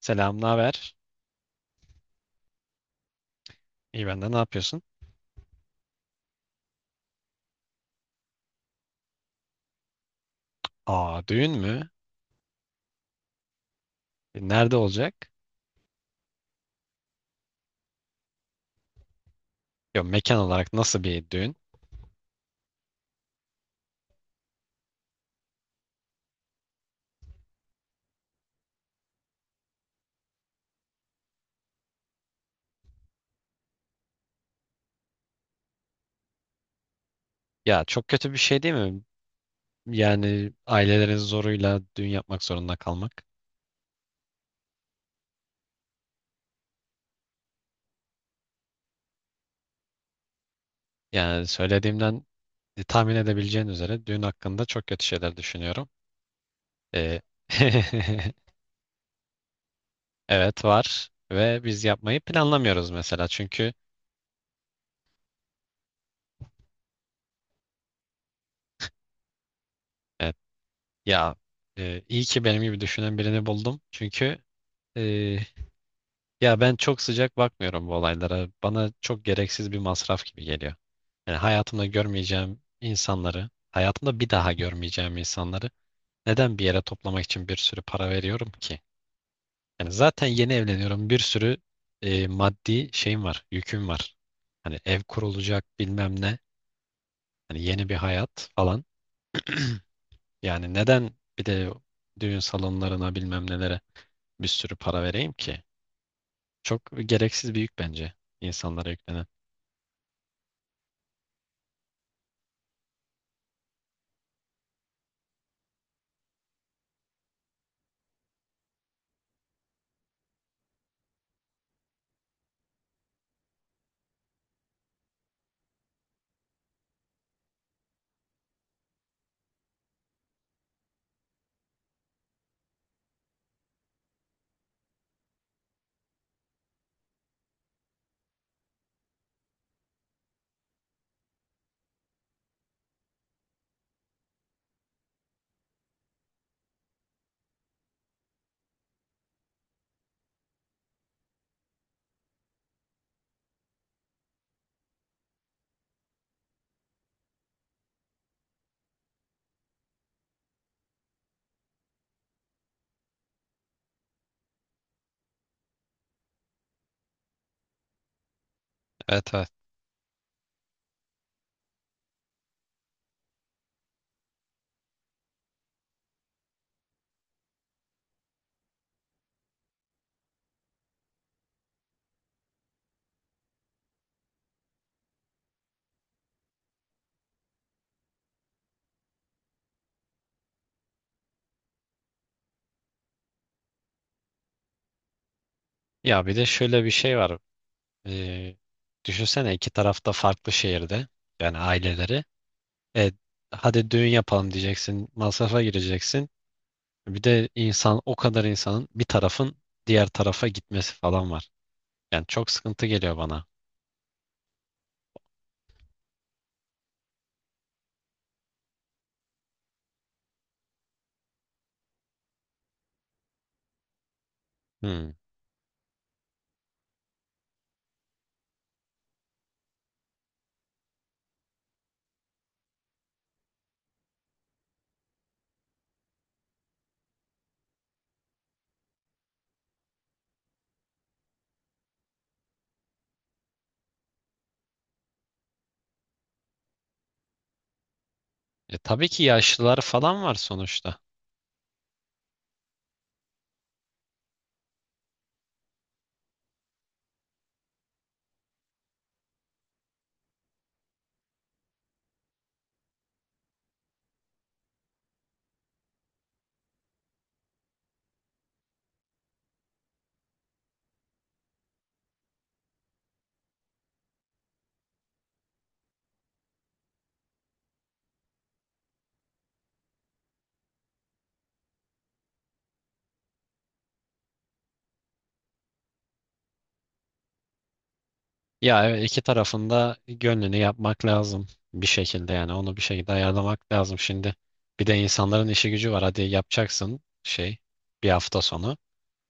Selam, naber? İyi ben de ne yapıyorsun? Aa, düğün mü? Nerede olacak? Ya mekan olarak nasıl bir düğün? Ya çok kötü bir şey değil mi? Yani ailelerin zoruyla düğün yapmak zorunda kalmak. Yani söylediğimden tahmin edebileceğin üzere düğün hakkında çok kötü şeyler düşünüyorum. E, evet var ve biz yapmayı planlamıyoruz mesela çünkü evet, ya iyi ki benim gibi düşünen birini buldum. Çünkü e, ya ben çok sıcak bakmıyorum bu olaylara. Bana çok gereksiz bir masraf gibi geliyor. Yani hayatımda görmeyeceğim insanları, hayatımda bir daha görmeyeceğim insanları neden bir yere toplamak için bir sürü para veriyorum ki? Yani zaten yeni evleniyorum. Bir sürü maddi şeyim var, yüküm var. Hani ev kurulacak bilmem ne. Hani yeni bir hayat falan. Yani neden bir de düğün salonlarına bilmem nelere bir sürü para vereyim ki? Çok gereksiz bir yük bence insanlara yüklenen. Evet, evet. Ya bir de şöyle bir şey var. Ee, Düşünsene iki tarafta farklı şehirde, yani aileleri. E, Hadi düğün yapalım diyeceksin. Masrafa gireceksin. Bir de insan o kadar insanın bir tarafın diğer tarafa gitmesi falan var. Yani çok sıkıntı geliyor bana. Hmm. Tabii ki yaşlılar falan var sonuçta. Ya evet, iki tarafında gönlünü yapmak lazım, bir şekilde yani onu bir şekilde ayarlamak lazım şimdi. Bir de insanların işi gücü var. Hadi yapacaksın şey, bir hafta sonu.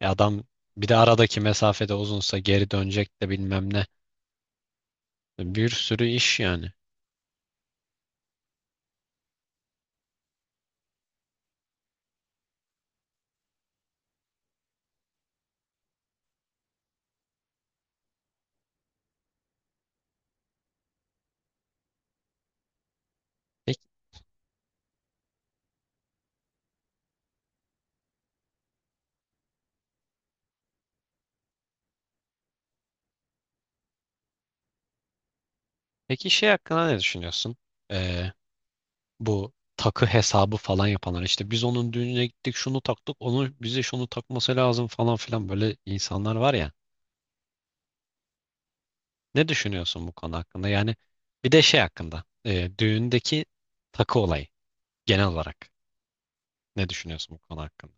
Adam bir de aradaki mesafede uzunsa geri dönecek de bilmem ne. Bir sürü iş yani. Peki, peki, şey hakkında ne düşünüyorsun? Ee, Bu takı hesabı falan yapanlar, işte biz onun düğününe gittik şunu taktık onun bize şunu takması lazım falan filan, böyle insanlar var ya. Ne düşünüyorsun bu konu hakkında? Yani bir de şey hakkında, düğündeki takı olayı genel olarak ne düşünüyorsun bu konu hakkında?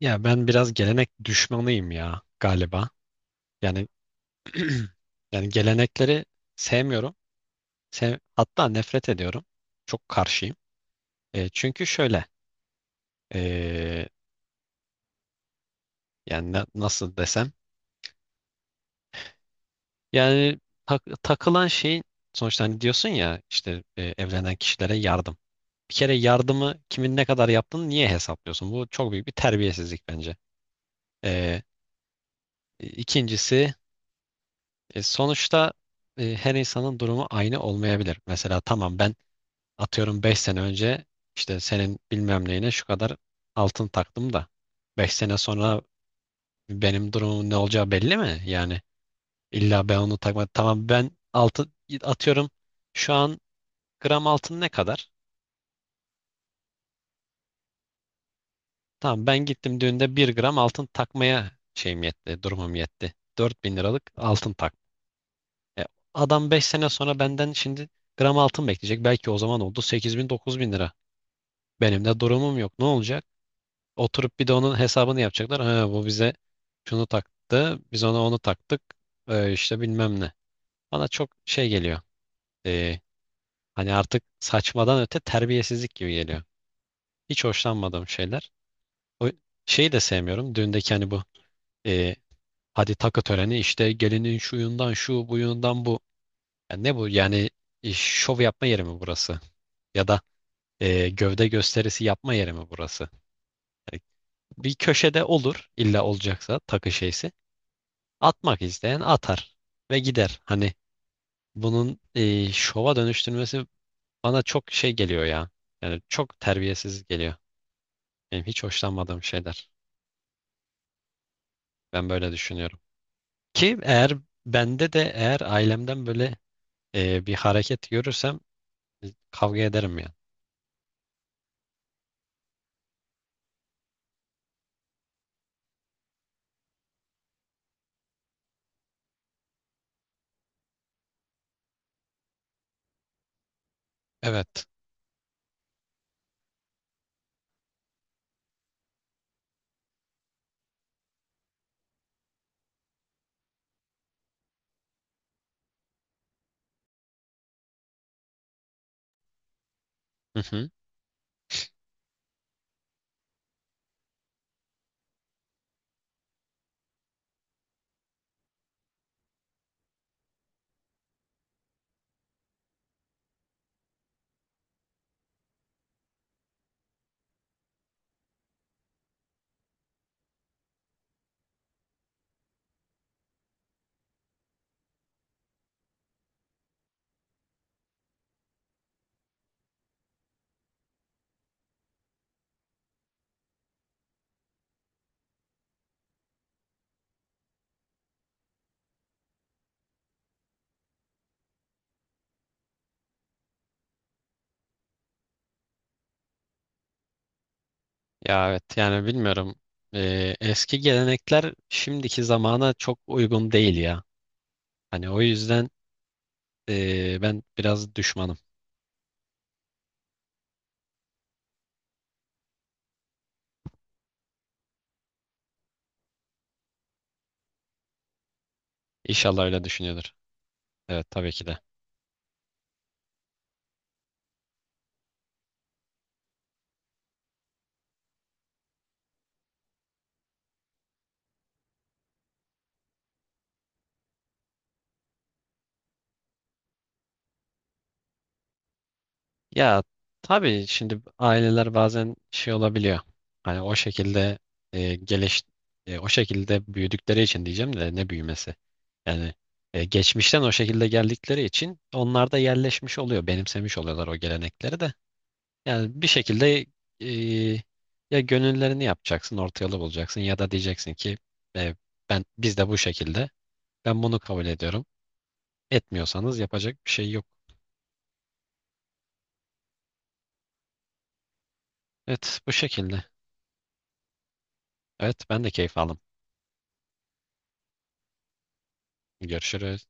Ya ben biraz gelenek düşmanıyım ya galiba. Yani yani gelenekleri sevmiyorum. Hatta nefret ediyorum. Çok karşıyım. Çünkü şöyle, e, yani nasıl desem, yani takılan şeyin sonuçta, hani diyorsun ya işte evlenen kişilere yardım. Bir kere yardımı kimin ne kadar yaptığını niye hesaplıyorsun? Bu çok büyük bir terbiyesizlik bence. E, ikincisi sonuçta her insanın durumu aynı olmayabilir. Mesela tamam ben, atıyorum 5 sene önce işte senin bilmem neyine şu kadar altın taktım da, 5 sene sonra benim durumumun ne olacağı belli mi? Yani illa ben onu takmadım. Tamam ben altın, atıyorum şu an gram altın ne kadar? Tamam ben gittim düğünde 1 gram altın takmaya şeyim yetti, durumum yetti, 4.000 liralık altın tak. E, Adam 5 sene sonra benden şimdi gram altın bekleyecek. Belki o zaman oldu 8.000 9.000 lira. Benim de durumum yok. Ne olacak? Oturup bir de onun hesabını yapacaklar. Ha, bu bize şunu taktı. Biz ona onu taktık. İşte bilmem ne. Bana çok şey geliyor. Ee, Hani artık saçmadan öte terbiyesizlik gibi geliyor. Hiç hoşlanmadığım şeyler. O şeyi de sevmiyorum. Düğündeki hani bu, ee, hadi takı töreni işte, gelinin şuyundan şu buyundan bu. Ya ne bu yani, şov yapma yeri mi burası? Ya da gövde gösterisi yapma yeri mi burası? Yani bir köşede olur illa olacaksa takı şeysi. Atmak isteyen atar ve gider. Hani bunun şova dönüştürmesi bana çok şey geliyor ya. Yani çok terbiyesiz geliyor. Benim hiç hoşlanmadığım şeyler. Ben böyle düşünüyorum. Ki eğer bende de, eğer ailemden böyle bir hareket görürsem kavga ederim yani. Evet. Hı hı. Ya evet yani bilmiyorum. Eski gelenekler şimdiki zamana çok uygun değil ya. Hani o yüzden ben biraz düşmanım. İnşallah öyle düşünüyordur. Evet, tabii ki de. Ya tabii şimdi aileler bazen şey olabiliyor. Hani o şekilde, e, geliş o şekilde büyüdükleri için diyeceğim de ne büyümesi. Yani geçmişten o şekilde geldikleri için onlar da yerleşmiş oluyor, benimsemiş oluyorlar o gelenekleri de. Yani bir şekilde e, ya gönüllerini yapacaksın, orta yolu bulacaksın, ya da diyeceksin ki e, ben biz de bu şekilde. Ben bunu kabul ediyorum. Etmiyorsanız yapacak bir şey yok. Evet, bu şekilde. Evet, ben de keyif aldım. Görüşürüz.